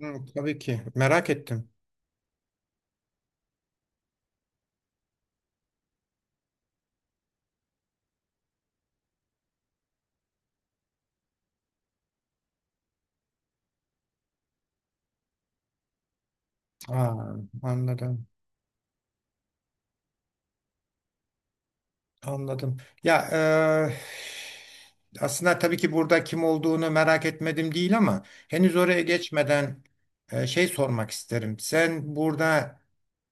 Hı, tabii ki. Merak ettim. Aa, anladım. Anladım. Ya aslında tabii ki burada kim olduğunu merak etmedim değil ama henüz oraya geçmeden şey sormak isterim. Sen burada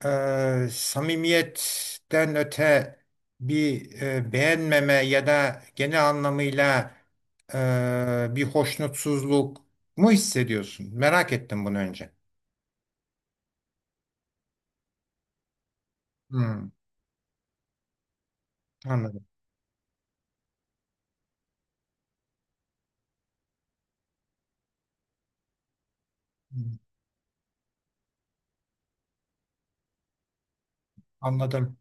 samimiyetten öte bir beğenmeme ya da genel anlamıyla bir hoşnutsuzluk mu hissediyorsun? Merak ettim bunu önce. Hı, anladım. Hı, anladım.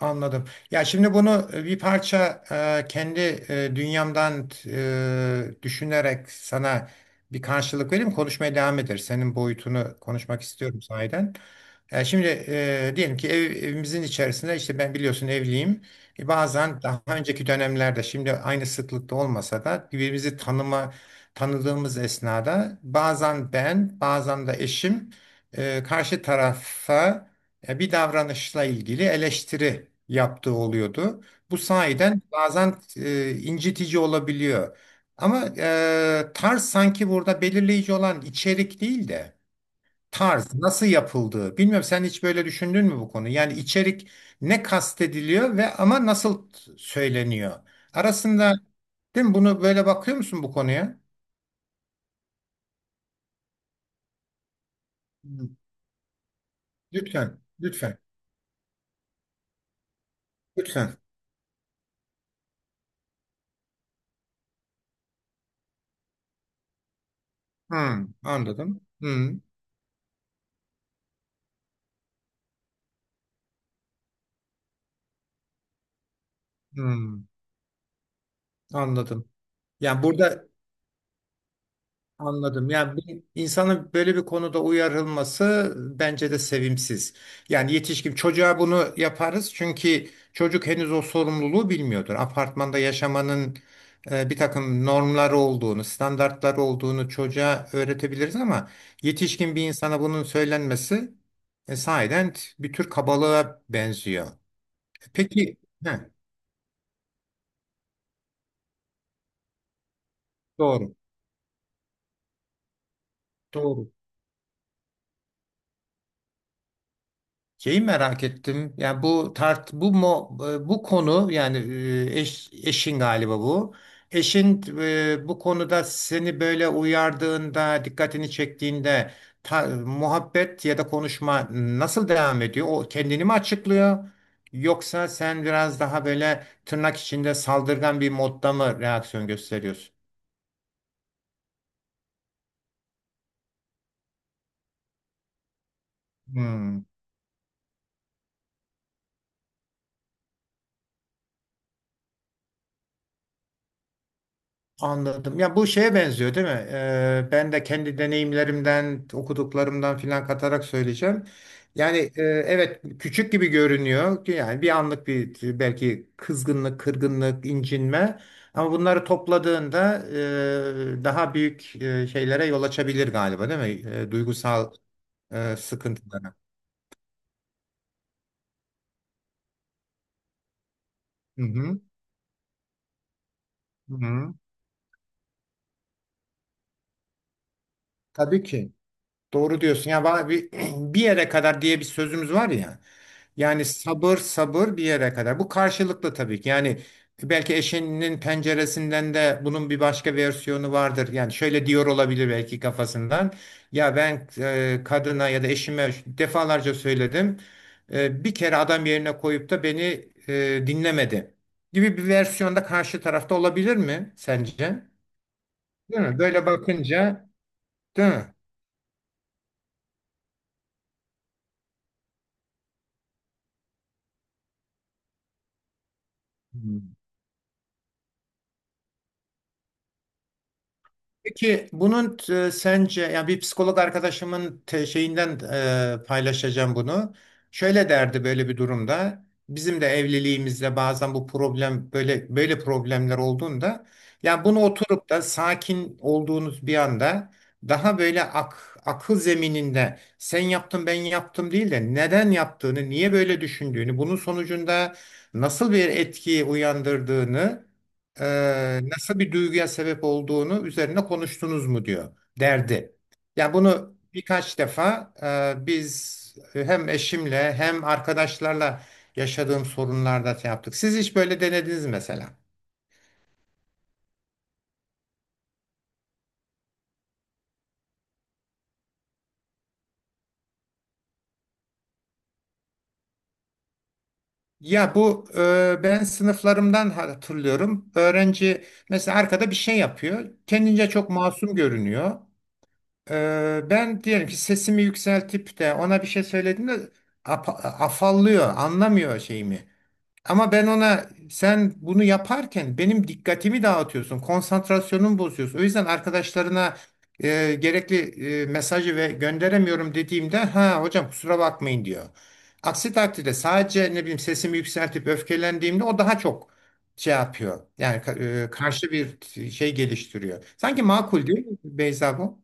Anladım. Ya şimdi bunu bir parça kendi dünyamdan düşünerek sana bir karşılık vereyim. Konuşmaya devam ederiz. Senin boyutunu konuşmak istiyorum sahiden. Şimdi diyelim ki evimizin içerisinde işte ben biliyorsun evliyim. Bazen daha önceki dönemlerde şimdi aynı sıklıkta olmasa da birbirimizi tanıdığımız esnada bazen ben bazen de eşim karşı tarafa bir davranışla ilgili eleştiri yaptığı oluyordu. Bu sayeden bazen incitici olabiliyor. Ama tarz sanki burada belirleyici olan içerik değil de tarz nasıl yapıldığı. Bilmiyorum sen hiç böyle düşündün mü bu konu? Yani içerik ne kastediliyor ve ama nasıl söyleniyor? Arasında değil mi? Bunu böyle bakıyor musun bu konuya? Hmm. Lütfen, lütfen, lütfen. Hmm, anladım. Hmm, hmm, anladım. Yani burada. Anladım. Yani bir insanın böyle bir konuda uyarılması bence de sevimsiz. Yani yetişkin çocuğa bunu yaparız çünkü çocuk henüz o sorumluluğu bilmiyordur. Apartmanda yaşamanın bir takım normları olduğunu, standartları olduğunu çocuğa öğretebiliriz ama yetişkin bir insana bunun söylenmesi sahiden bir tür kabalığa benziyor. Peki. Heh. Doğru, doğru. Şeyi merak ettim. Yani bu tart bu mo, e, bu konu yani eşin galiba bu. Eşin bu konuda seni böyle uyardığında, dikkatini çektiğinde muhabbet ya da konuşma nasıl devam ediyor? O kendini mi açıklıyor? Yoksa sen biraz daha böyle tırnak içinde saldırgan bir modda mı reaksiyon gösteriyorsun? Hmm. Anladım. Ya bu şeye benziyor değil mi? Ben de kendi deneyimlerimden, okuduklarımdan filan katarak söyleyeceğim. Yani evet küçük gibi görünüyor. Yani bir anlık bir belki kızgınlık, kırgınlık, incinme. Ama bunları topladığında daha büyük şeylere yol açabilir galiba değil mi? Duygusal sıkıntılara. Hı hı. Hı hı. Tabii ki. Doğru diyorsun. Ya bir bir yere kadar diye bir sözümüz var ya. Yani sabır sabır bir yere kadar. Bu karşılıklı tabii ki. Yani belki eşinin penceresinden de bunun bir başka versiyonu vardır. Yani şöyle diyor olabilir belki kafasından. Ya ben kadına ya da eşime defalarca söyledim. Bir kere adam yerine koyup da beni dinlemedi gibi bir versiyonda karşı tarafta olabilir mi sence? Değil mi? Böyle bakınca, değil mi? Peki bunun sence yani bir psikolog arkadaşımın şeyinden paylaşacağım bunu. Şöyle derdi böyle bir durumda. Bizim de evliliğimizde bazen bu problem böyle böyle problemler olduğunda yani bunu oturup da sakin olduğunuz bir anda daha böyle akıl zemininde sen yaptın ben yaptım değil de neden yaptığını, niye böyle düşündüğünü, bunun sonucunda nasıl bir etki uyandırdığını nasıl bir duyguya sebep olduğunu üzerine konuştunuz mu diyor derdi. Yani bunu birkaç defa biz hem eşimle hem arkadaşlarla yaşadığım sorunlarda şey yaptık. Siz hiç böyle denediniz mi mesela? Ya bu ben sınıflarımdan hatırlıyorum. Öğrenci mesela arkada bir şey yapıyor. Kendince çok masum görünüyor. Ben diyelim ki sesimi yükseltip de ona bir şey söylediğimde afallıyor, anlamıyor şeyimi. Ama ben ona sen bunu yaparken benim dikkatimi dağıtıyorsun, konsantrasyonumu bozuyorsun. O yüzden arkadaşlarına gerekli mesajı ve gönderemiyorum dediğimde ha hocam kusura bakmayın diyor. Aksi takdirde sadece ne bileyim sesimi yükseltip öfkelendiğimde o daha çok şey yapıyor. Yani karşı bir şey geliştiriyor. Sanki makul değil mi Beyza bu?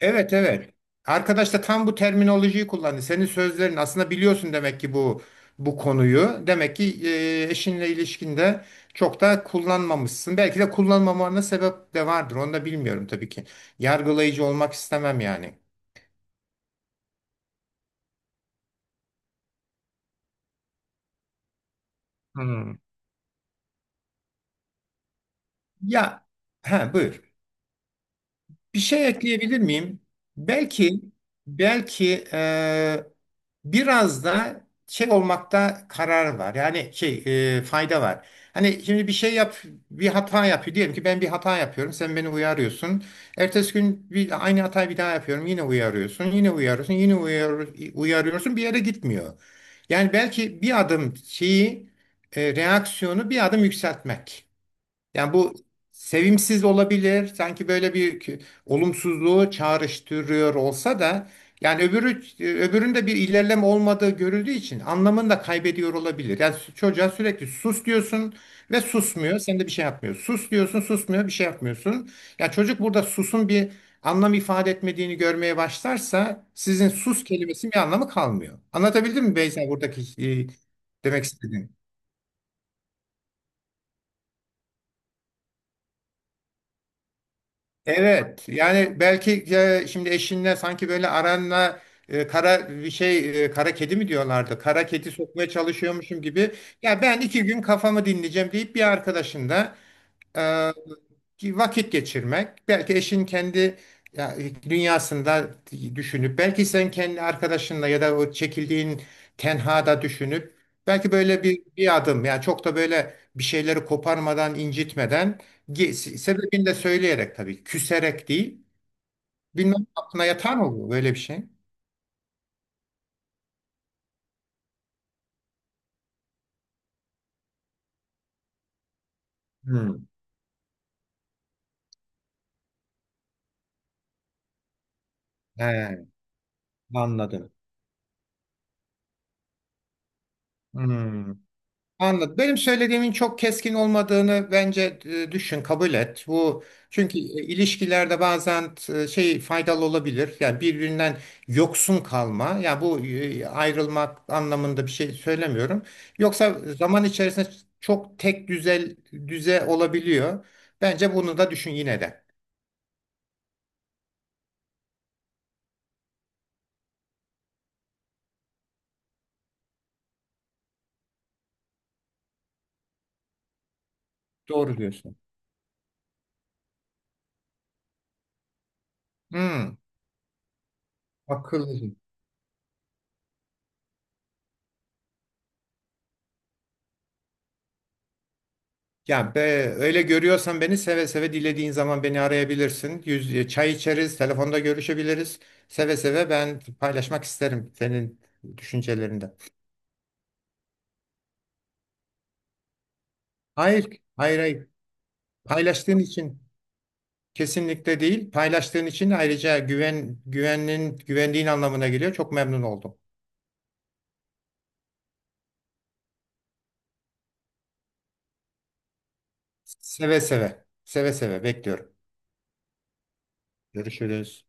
Evet, evet. Arkadaş da tam bu terminolojiyi kullandı. Senin sözlerin aslında biliyorsun demek ki bu konuyu. Demek ki eşinle ilişkinde çok da kullanmamışsın. Belki de kullanmamana sebep de vardır. Onu da bilmiyorum tabii ki. Yargılayıcı olmak istemem yani. Hmm. Ya ha, buyur. Bir şey ekleyebilir miyim? Belki belki biraz da şey olmakta karar var. Yani şey, fayda var. Hani şimdi bir şey yap, bir hata yapıyor. Diyelim ki ben bir hata yapıyorum. Sen beni uyarıyorsun. Ertesi gün aynı hatayı bir daha yapıyorum. Yine uyarıyorsun. Yine uyarıyorsun. Uyarıyorsun. Bir yere gitmiyor. Yani belki bir adım reaksiyonu bir adım yükseltmek. Yani bu sevimsiz olabilir. Sanki böyle bir olumsuzluğu çağrıştırıyor olsa da yani öbüründe bir ilerleme olmadığı görüldüğü için anlamını da kaybediyor olabilir. Yani çocuğa sürekli sus diyorsun ve susmuyor. Sen de bir şey yapmıyorsun. Sus diyorsun, susmuyor, bir şey yapmıyorsun. Ya çocuk burada susun bir anlam ifade etmediğini görmeye başlarsa sizin sus kelimesinin bir anlamı kalmıyor. Anlatabildim mi Beyza buradaki e, demek istediğim? Evet yani belki şimdi eşinle sanki böyle aranla e, kara bir şey e, kara kedi mi diyorlardı? Kara kedi sokmaya çalışıyormuşum gibi. Ya ben iki gün kafamı dinleyeceğim deyip bir arkadaşın da ee, ki vakit geçirmek, belki eşin kendi ya, dünyasında düşünüp, belki sen kendi arkadaşınla ya da o çekildiğin tenhada düşünüp, belki böyle bir adım, yani çok da böyle bir şeyleri koparmadan, incitmeden, ge- sebebini de söyleyerek tabii, küserek değil, bilmem aklına yatan oluyor böyle bir şey. Hmm, he, anladım. Hmm. Anladım. Benim söylediğimin çok keskin olmadığını bence düşün, kabul et. Bu çünkü ilişkilerde bazen şey faydalı olabilir. Yani birbirinden yoksun kalma. Ya yani bu ayrılmak anlamında bir şey söylemiyorum. Yoksa zaman içerisinde çok tek düze olabiliyor. Bence bunu da düşün yine de. Doğru diyorsun. Hmm, akıllıca. Ya be, öyle görüyorsan beni seve seve dilediğin zaman beni arayabilirsin. Çay içeriz, telefonda görüşebiliriz. Seve seve ben paylaşmak isterim senin düşüncelerinde. Hayır, hayır, hayır. Paylaştığın için kesinlikle değil. Paylaştığın için ayrıca güvendiğin anlamına geliyor. Çok memnun oldum. Seve seve, seve seve bekliyorum. Görüşürüz.